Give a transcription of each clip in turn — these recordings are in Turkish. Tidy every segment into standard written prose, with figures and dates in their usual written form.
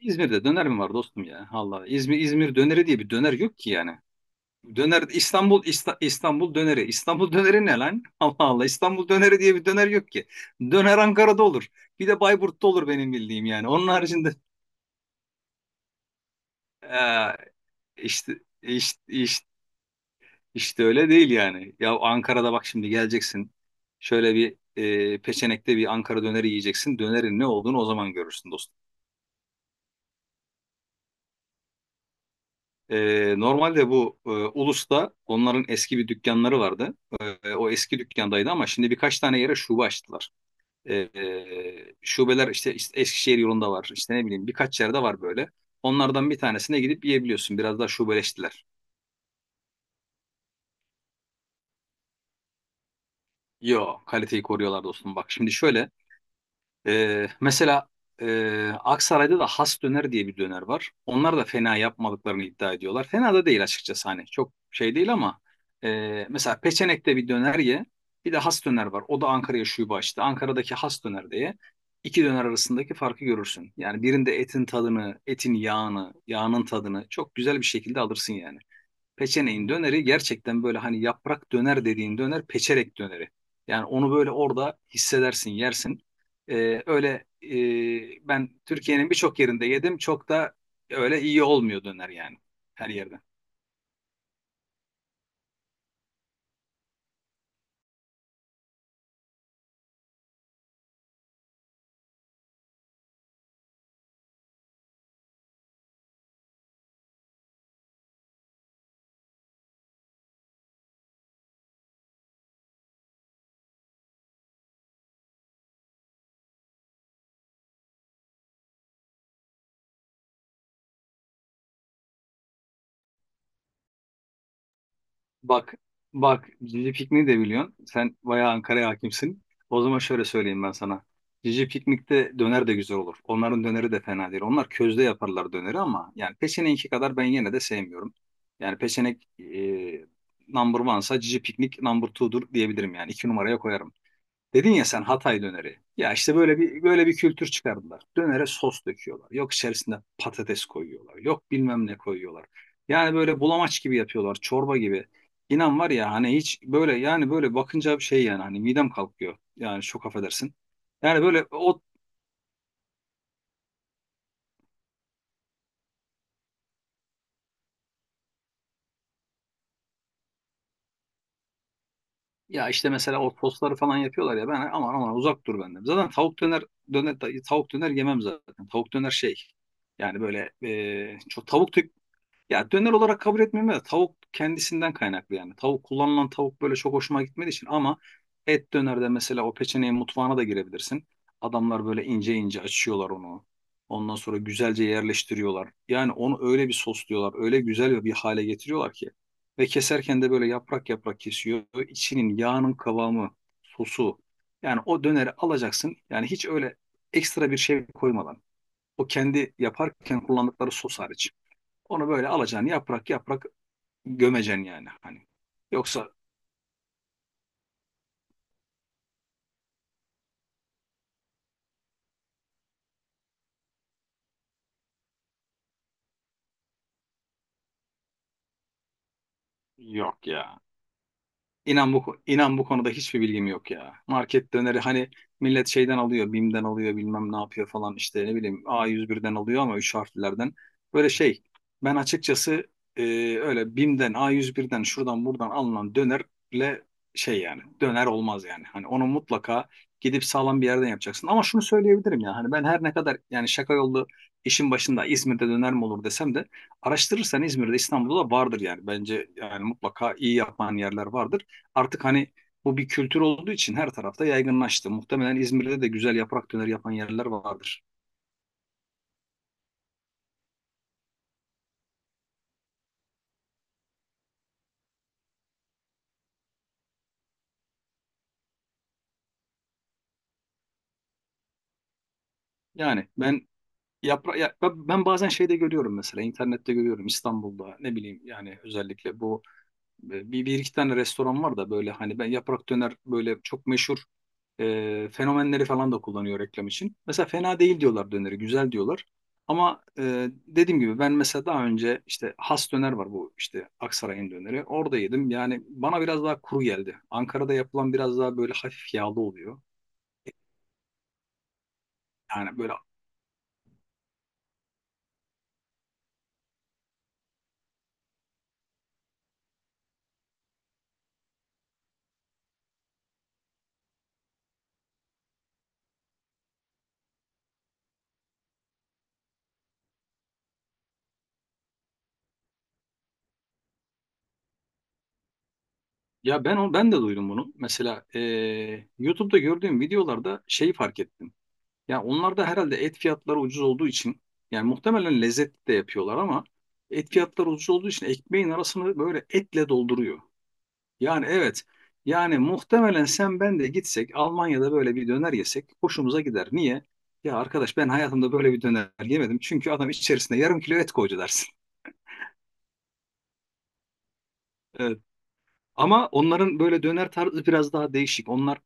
İzmir'de döner mi var dostum ya? Allah İzmir döneri diye bir döner yok ki yani. Döner İstanbul, İstanbul döneri. İstanbul döneri ne lan? Allah Allah İstanbul döneri diye bir döner yok ki. Döner Ankara'da olur. Bir de Bayburt'ta olur benim bildiğim yani. Onun haricinde ee, işte, işte işte işte öyle değil yani. Ya Ankara'da bak şimdi geleceksin. Şöyle bir Peçenek'te bir Ankara döneri yiyeceksin. Dönerin ne olduğunu o zaman görürsün dostum. Normalde bu Ulus'ta onların eski bir dükkanları vardı. O eski dükkandaydı ama şimdi birkaç tane yere şube açtılar. Şubeler işte Eskişehir yolunda var. İşte ne bileyim birkaç yerde var böyle. Onlardan bir tanesine gidip yiyebiliyorsun. Biraz daha şubeleştiler. Yo, kaliteyi koruyorlar dostum. Bak şimdi şöyle. Mesela e, Aksaray'da da Has Döner diye bir döner var. Onlar da fena yapmadıklarını iddia ediyorlar. Fena da değil açıkçası, hani çok şey değil ama mesela Peçenek'te bir döner ye. Bir de Has Döner var. O da Ankara'ya şube açtı. Ankara'daki Has Döner diye iki döner arasındaki farkı görürsün. Yani birinde etin tadını, etin yağını, yağının tadını çok güzel bir şekilde alırsın yani. Peçeneğin döneri gerçekten böyle, hani yaprak döner dediğin döner peçerek döneri. Yani onu böyle orada hissedersin, yersin. Öyle ben Türkiye'nin birçok yerinde yedim. Çok da öyle iyi olmuyor döner yani her yerde. Bak, bak Cici Piknik'i de biliyorsun. Sen bayağı Ankara'ya hakimsin. O zaman şöyle söyleyeyim ben sana. Cici Piknik'te döner de güzel olur. Onların döneri de fena değil. Onlar közde yaparlar döneri ama yani peşeneğinki kadar ben yine de sevmiyorum. Yani peşenek number one'sa Cici Piknik number two'dur diyebilirim yani. İki numaraya koyarım. Dedin ya sen Hatay döneri. Ya işte böyle bir kültür çıkardılar. Dönere sos döküyorlar. Yok, içerisinde patates koyuyorlar. Yok, bilmem ne koyuyorlar. Yani böyle bulamaç gibi yapıyorlar, çorba gibi. İnan var ya, hani hiç böyle yani böyle bakınca bir şey, yani hani midem kalkıyor. Yani çok affedersin. Yani böyle o, ya işte mesela o sosları falan yapıyorlar ya ben aman aman uzak dur benden. Zaten tavuk döner döner yemem zaten. Tavuk döner şey yani böyle, çok tavuk. Ya döner olarak kabul etmiyorum da tavuk kendisinden kaynaklı yani. Tavuk, kullanılan tavuk böyle çok hoşuma gitmediği için ama et dönerde mesela o Peçene'yi mutfağına da girebilirsin. Adamlar böyle ince ince açıyorlar onu. Ondan sonra güzelce yerleştiriyorlar. Yani onu öyle bir sosluyorlar, öyle güzel ve bir hale getiriyorlar ki. Ve keserken de böyle yaprak yaprak kesiyor. İçinin yağının kıvamı, sosu. Yani o döneri alacaksın. Yani hiç öyle ekstra bir şey koymadan. O kendi yaparken kullandıkları sos hariç. Onu böyle alacaksın yaprak yaprak, gömeceksin yani. Hani yoksa yok ya. İnan bu konuda hiçbir bilgim yok ya. Market döneri hani millet şeyden alıyor, BİM'den alıyor, bilmem ne yapıyor falan, işte ne bileyim A101'den alıyor ama 3 harflilerden. Böyle şey, ben açıkçası e, öyle BİM'den A101'den şuradan buradan alınan dönerle şey yani döner olmaz yani. Hani onu mutlaka gidip sağlam bir yerden yapacaksın. Ama şunu söyleyebilirim ya, hani ben her ne kadar yani şaka yollu işin başında İzmir'de döner mi olur desem de, araştırırsan İzmir'de, İstanbul'da da vardır yani. Bence yani mutlaka iyi yapan yerler vardır. Artık hani bu bir kültür olduğu için her tarafta yaygınlaştı. Muhtemelen İzmir'de de güzel yaprak döner yapan yerler vardır. Yani ben yapra ya- ben ben bazen şeyde görüyorum, mesela internette görüyorum İstanbul'da, ne bileyim yani özellikle bu bir iki tane restoran var da böyle, hani ben yaprak döner böyle çok meşhur. Fenomenleri falan da kullanıyor reklam için. Mesela fena değil diyorlar döneri, güzel diyorlar. Ama dediğim gibi ben mesela daha önce işte Has Döner var, bu işte Aksaray'ın döneri. Orada yedim. Yani bana biraz daha kuru geldi. Ankara'da yapılan biraz daha böyle hafif yağlı oluyor. Yani böyle, ya ben de duydum bunu. Mesela YouTube'da gördüğüm videolarda şeyi fark ettim. Ya onlar da herhalde et fiyatları ucuz olduğu için, yani muhtemelen lezzetli de yapıyorlar ama et fiyatları ucuz olduğu için ekmeğin arasını böyle etle dolduruyor. Yani evet. Yani muhtemelen sen ben de gitsek Almanya'da böyle bir döner yesek hoşumuza gider. Niye? Ya arkadaş ben hayatımda böyle bir döner yemedim. Çünkü adam içerisine yarım kilo et koydu dersin. Evet. Ama onların böyle döner tarzı biraz daha değişik. Onlar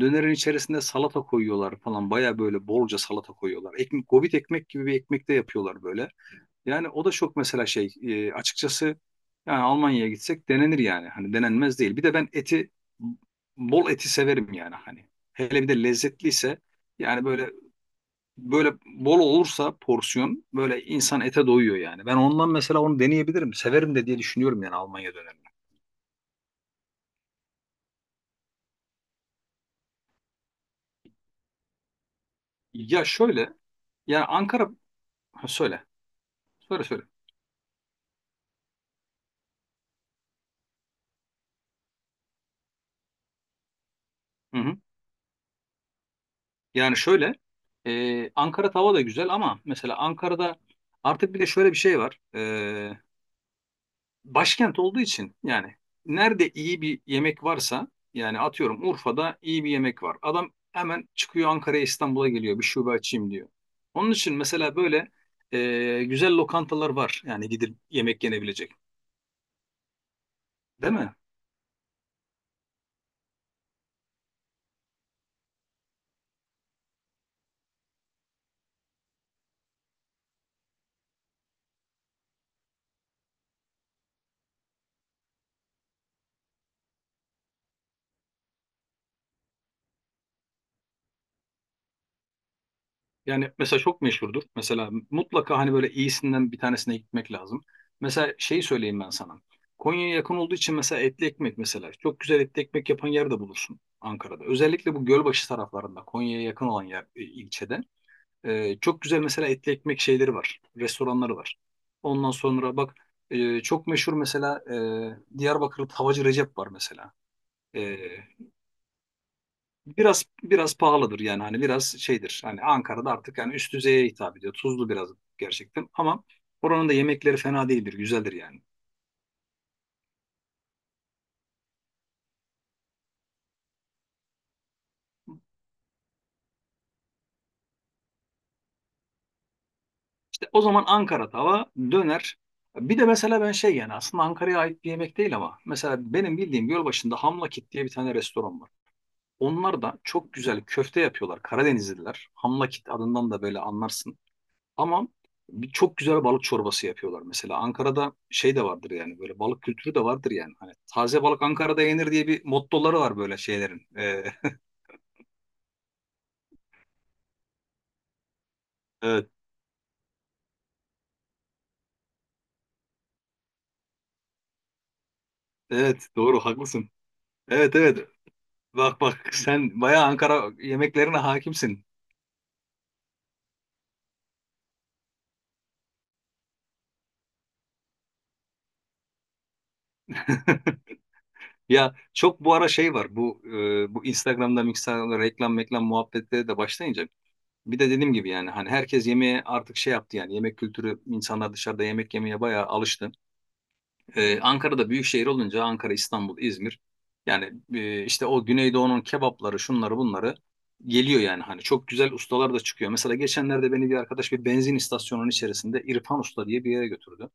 dönerin içerisinde salata koyuyorlar falan. Baya böyle bolca salata koyuyorlar. Ekmek, gobit ekmek gibi bir ekmek de yapıyorlar böyle. Yani o da çok, mesela şey açıkçası yani Almanya'ya gitsek denenir yani. Hani denenmez değil. Bir de ben eti, bol eti severim yani hani. Hele bir de lezzetliyse yani böyle, böyle bol olursa porsiyon böyle insan ete doyuyor yani. Ben ondan mesela onu deneyebilirim. Severim de diye düşünüyorum yani Almanya dönemini. Ya şöyle yani Ankara, ha, söyle söyle söyle. Hı hı. Yani şöyle Ankara tava da güzel ama mesela Ankara'da artık bir de şöyle bir şey var. Başkent olduğu için yani nerede iyi bir yemek varsa, yani atıyorum Urfa'da iyi bir yemek var. Adam hemen çıkıyor Ankara'ya, İstanbul'a geliyor, bir şube açayım diyor. Onun için mesela böyle güzel lokantalar var yani gidip yemek yenebilecek, değil mi? Yani mesela çok meşhurdur. Mesela mutlaka hani böyle iyisinden bir tanesine gitmek lazım. Mesela şeyi söyleyeyim ben sana. Konya'ya yakın olduğu için mesela etli ekmek mesela. Çok güzel etli ekmek yapan yer de bulursun Ankara'da. Özellikle bu Gölbaşı taraflarında Konya'ya yakın olan yer, ilçede. Çok güzel mesela etli ekmek şeyleri var. Restoranları var. Ondan sonra bak, çok meşhur mesela Diyarbakır'da Tavacı Recep var mesela. Ee, biraz biraz pahalıdır yani, hani biraz şeydir. Hani Ankara'da artık yani üst düzeye hitap ediyor. Tuzlu biraz gerçekten ama oranın da yemekleri fena değildir. Güzeldir yani. İşte o zaman Ankara tava, döner. Bir de mesela ben şey, yani aslında Ankara'ya ait bir yemek değil ama mesela benim bildiğim Gölbaşı'nda Hamlakit diye bir tane restoran var. Onlar da çok güzel köfte yapıyorlar. Karadenizliler. Hamlakit adından da böyle anlarsın. Ama bir çok güzel balık çorbası yapıyorlar. Mesela Ankara'da şey de vardır yani böyle balık kültürü de vardır yani. Hani taze balık Ankara'da yenir diye bir mottoları var böyle şeylerin. Evet, evet doğru haklısın. Evet evet. Bak bak sen bayağı Ankara yemeklerine hakimsin. Ya, çok bu ara şey var bu Instagram'da reklam meklam muhabbetleri de başlayınca. Bir de dediğim gibi yani hani herkes yemeğe artık şey yaptı, yani yemek kültürü insanlar dışarıda yemek yemeye bayağı alıştı. Ankara'da büyük şehir olunca Ankara, İstanbul, İzmir, yani işte o Güneydoğu'nun kebapları, şunları bunları geliyor yani, hani çok güzel ustalar da çıkıyor. Mesela geçenlerde beni bir arkadaş bir benzin istasyonunun içerisinde İrfan Usta diye bir yere götürdü.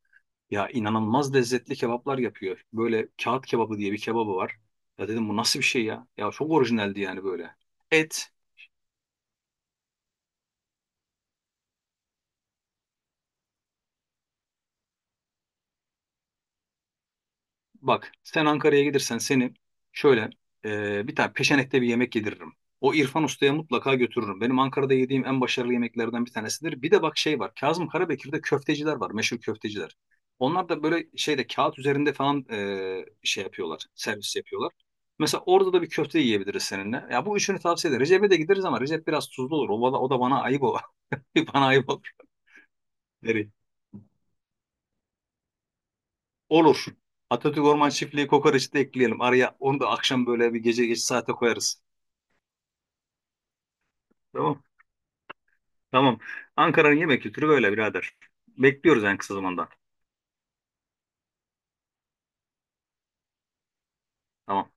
Ya inanılmaz lezzetli kebaplar yapıyor. Böyle kağıt kebabı diye bir kebabı var. Ya dedim bu nasıl bir şey ya? Ya çok orijinaldi yani böyle. Et, Bak sen Ankara'ya gelirsen seni şöyle bir tane peşenekte bir yemek yediririm. O İrfan Usta'ya mutlaka götürürüm. Benim Ankara'da yediğim en başarılı yemeklerden bir tanesidir. Bir de bak şey var. Kazım Karabekir'de köfteciler var. Meşhur köfteciler. Onlar da böyle şeyde kağıt üzerinde falan şey yapıyorlar. Servis yapıyorlar. Mesela orada da bir köfte yiyebiliriz seninle. Ya bu üçünü tavsiye ederim. Recep'e de gideriz ama Recep biraz tuzlu olur. O da bana ayıp o. Bana ayıp olur. Olur. Atatürk Orman Çiftliği kokoreçi de ekleyelim. Araya onu da akşam böyle bir gece geç saate koyarız. Tamam. Tamam. Ankara'nın yemek kültürü böyle birader. Bekliyoruz en kısa zamanda. Tamam.